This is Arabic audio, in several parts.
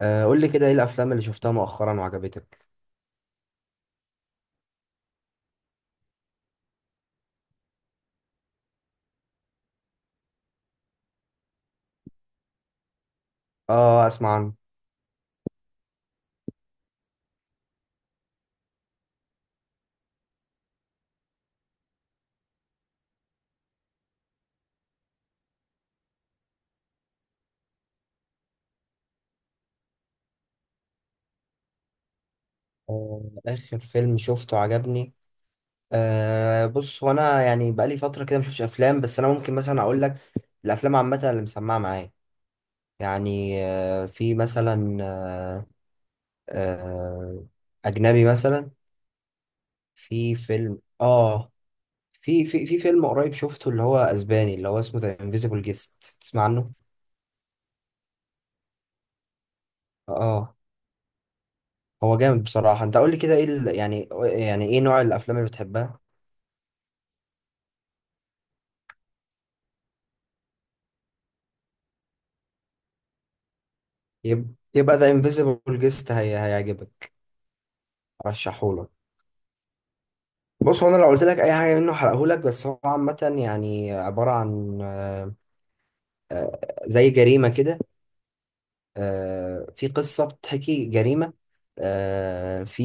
قول لي كده، ايه الافلام اللي شفتها مؤخرا وعجبتك؟ اه، اسمع عنه. اخر فيلم شفته عجبني. بص، هو انا يعني بقالي فتره كده مشوفش افلام، بس انا ممكن مثلا اقول لك الافلام عامه اللي مسمعه معايا. يعني في مثلا آه اجنبي مثلا. في فيلم في فيلم قريب شفته، اللي هو اسباني، اللي هو اسمه ذا انفيزيبل جيست، تسمع عنه؟ اه، هو جامد بصراحه. انت قول لي كده، ايه يعني ايه نوع الافلام اللي بتحبها؟ يبقى ذا انفيزيبل جيست هي هيعجبك، ارشحهولك. بص، هو انا لو قلت لك اي حاجه منه هحرقهولك، بس هو عامه يعني عباره عن آه، زي جريمه كده. في قصه بتحكي جريمه. في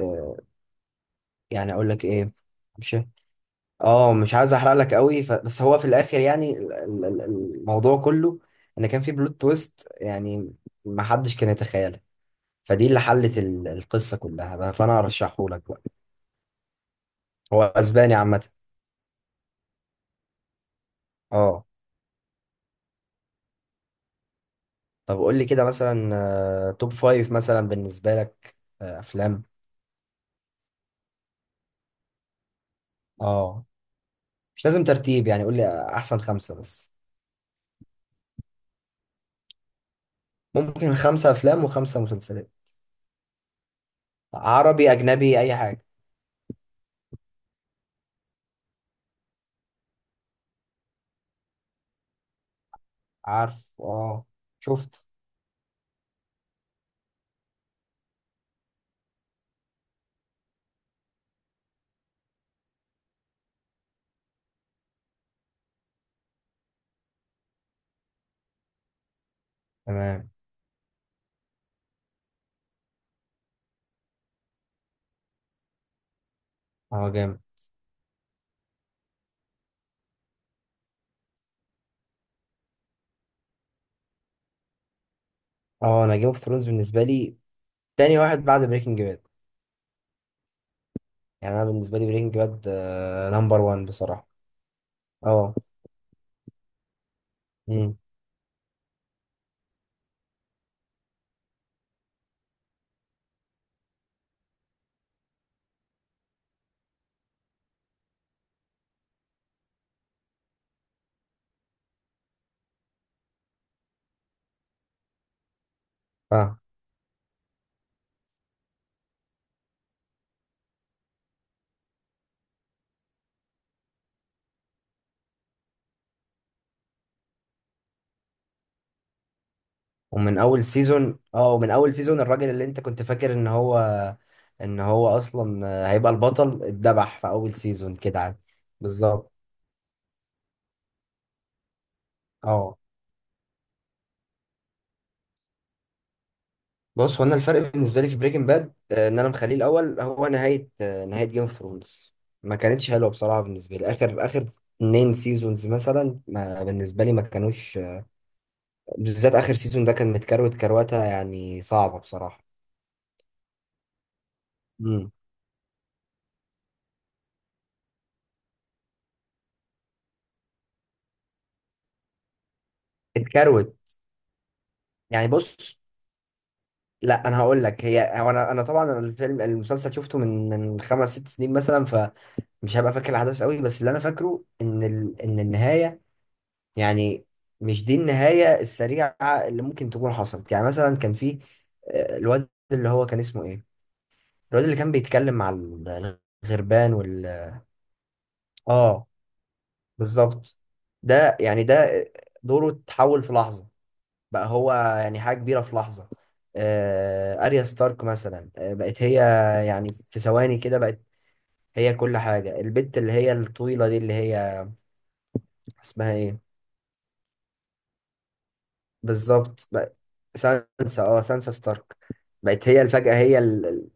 آه، يعني اقول لك ايه؟ مش اه مش عايز احرق لك قوي، بس هو في الاخر يعني الموضوع كله، ان كان في بلوت تويست يعني ما حدش كان يتخيلها، فدي اللي حلت القصه كلها بقى، فانا هرشحهولك بقى. هو اسباني عامة، اه طب قول لي كده مثلا، توب فايف مثلا بالنسبة لك، افلام، اه مش لازم ترتيب، يعني قول لي احسن خمسة بس. ممكن خمسة افلام وخمسة مسلسلات، عربي، اجنبي، اي حاجة. عارف، اه. شفت. تمام. اه، جامد. اه، انا جيم اوف ثرونز بالنسبة لي تاني واحد بعد بريكنج باد. يعني انا بالنسبة لي بريكنج باد نمبر وان بصراحة. اه. امم ومن اول سيزون الراجل اللي انت كنت فاكر ان هو اصلا هيبقى البطل، اتذبح في اول سيزون كده عادي. بالظبط. اه، بص، هو انا الفرق بالنسبه لي في بريكنج باد ان انا مخليه الاول، هو نهايه جيم اوف ثرونز ما كانتش حلوه بصراحه. بالنسبه لي اخر اخر اتنين سيزونز مثلا، ما بالنسبه لي ما كانوش بالذات اخر سيزون ده كان متكروت، كروته يعني صعبه بصراحه. امم اتكروت، يعني بص. لا، انا هقول لك، هو انا طبعا الفيلم المسلسل شفته من خمس ست سنين مثلا، فمش هبقى فاكر الاحداث قوي، بس اللي انا فاكره ان النهايه يعني، مش دي النهايه السريعه اللي ممكن تكون حصلت. يعني مثلا كان في الواد اللي هو كان اسمه ايه، الواد اللي كان بيتكلم مع الغربان وال... اه، بالظبط. ده دوره اتحول في لحظه، بقى هو يعني حاجة كبيرة في لحظة. أريا ستارك مثلا، بقت هي، يعني في ثواني كده بقت هي كل حاجة. البنت اللي هي الطويلة دي، اللي هي اسمها ايه، بالظبط، بقت سانسا ستارك، بقت هي الفجأة هي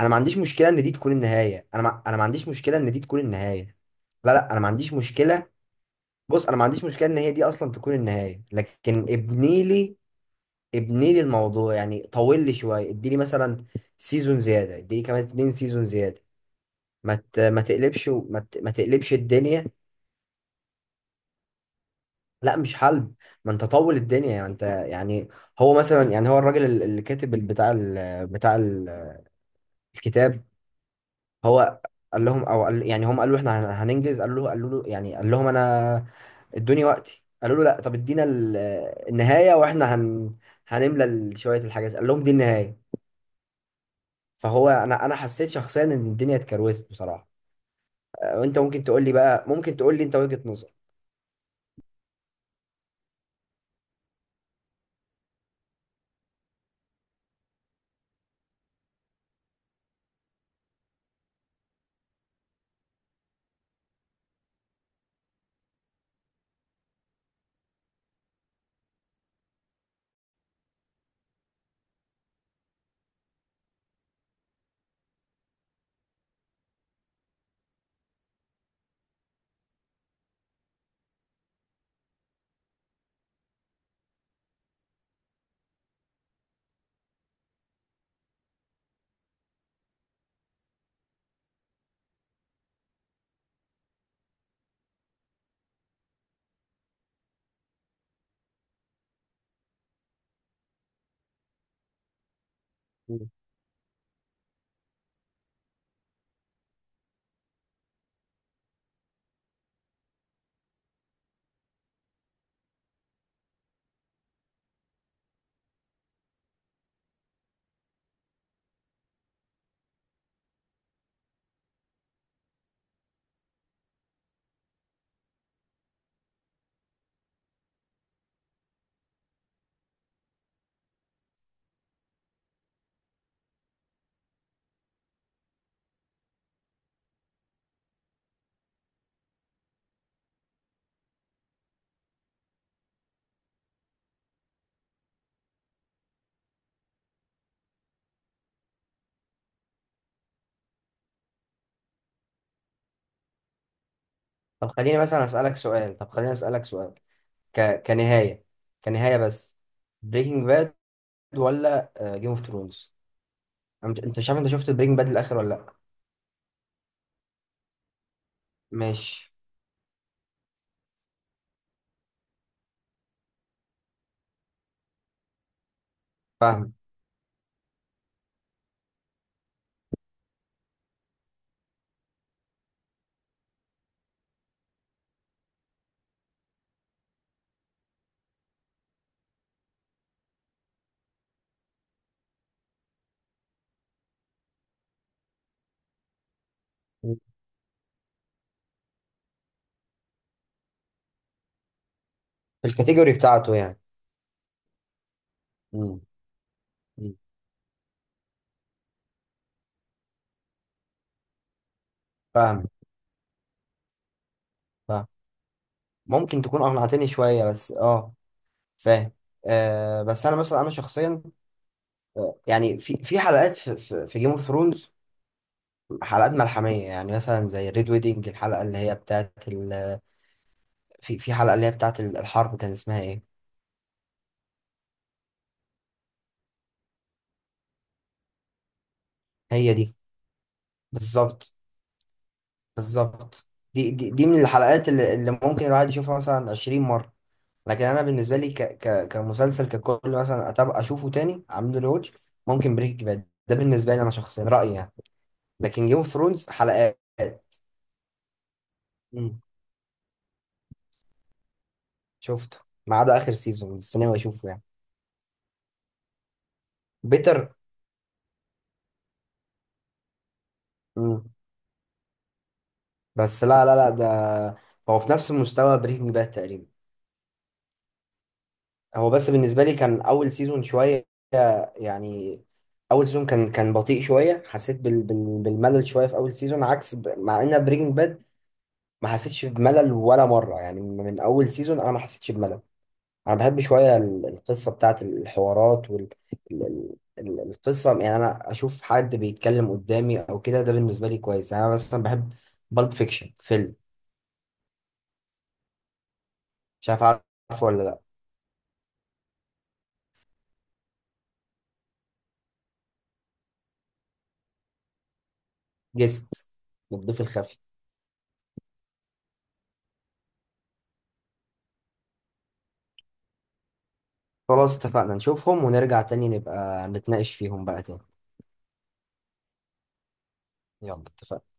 انا ما عنديش مشكلة ان دي تكون النهاية. انا ما عنديش مشكلة ان دي تكون النهاية. لا، لا، انا ما عنديش مشكلة. بص، انا ما عنديش مشكلة ان هي دي اصلا تكون النهاية، لكن ابني لي، ابني لي الموضوع، يعني طول لي شويه، اديني مثلا سيزون زياده، اديني كمان اتنين سيزون زياده، ما تقلبش، وما ت- ما تقلبش الدنيا. لا، مش حلب. ما انت طول الدنيا يعني، انت يعني هو مثلا، يعني هو الراجل اللي كاتب بتاع الكتاب. هو قال لهم او قال، يعني هم قالوا احنا هننجز. قالوا له، يعني قال لهم انا ادوني وقتي، قالوا له لا، طب ادينا النهايه واحنا هنملى شويه الحاجات، قال لهم دي النهايه. فهو، انا حسيت شخصيا ان الدنيا اتكروتت بصراحه. وانت ممكن تقول لي بقى، ممكن تقول لي انت وجهه نظر. مم. طب خليني مثلا اسالك سؤال، طب خليني اسالك سؤال، كنهايه، كنهايه بس، بريكنج باد ولا جيم اوف ثرونز؟ انت شفت بريكنج باد الاخر ولا لا؟ ماشي. فاهم. مم. في الكاتيجوري بتاعته يعني. مم. مم. فاهم، فاهم. ممكن تكون اقنعتني شويه، بس فاهم. بس انا مثلا انا شخصيا، يعني في حلقات، في جيم اوف ثرونز حلقات ملحمية، يعني مثلا زي ريد ويدنج، الحلقة اللي هي بتاعت في حلقة اللي هي بتاعت الحرب، كان اسمها ايه؟ هي دي، بالظبط، بالظبط، دي من الحلقات اللي ممكن الواحد يشوفها مثلا 20 مرة. لكن انا بالنسبة لي كمسلسل ككل، مثلا أتابع أشوفه تاني، أعمل له واتش، ممكن بريك باد ده بالنسبة لي أنا شخصيا رأيي يعني، لكن جيم اوف ثرونز حلقات. مم. شفته، ما عدا آخر سيزون السينما أشوفه يعني. بيتر. بس لا، لا، لا، ده هو في نفس مستوى بريكنج باد تقريبا. هو بس بالنسبة لي كان أول سيزون شوية، يعني أول سيزون كان بطيء شوية، حسيت بالملل شوية في أول سيزون، عكس مع إن بريكنج باد ما حسيتش بملل ولا مرة، يعني من أول سيزون أنا ما حسيتش بملل. أنا بحب شوية القصة بتاعت الحوارات وال القصة يعني. أنا أشوف حد بيتكلم قدامي أو كده، ده بالنسبة لي كويس، يعني أنا مثلا بحب بالب فيكشن فيلم. مش عارف، عارفه ولا لأ؟ جست، الضيف الخفي. خلاص، اتفقنا نشوفهم ونرجع تاني، نبقى نتناقش فيهم بقى تاني. يلا، اتفقنا.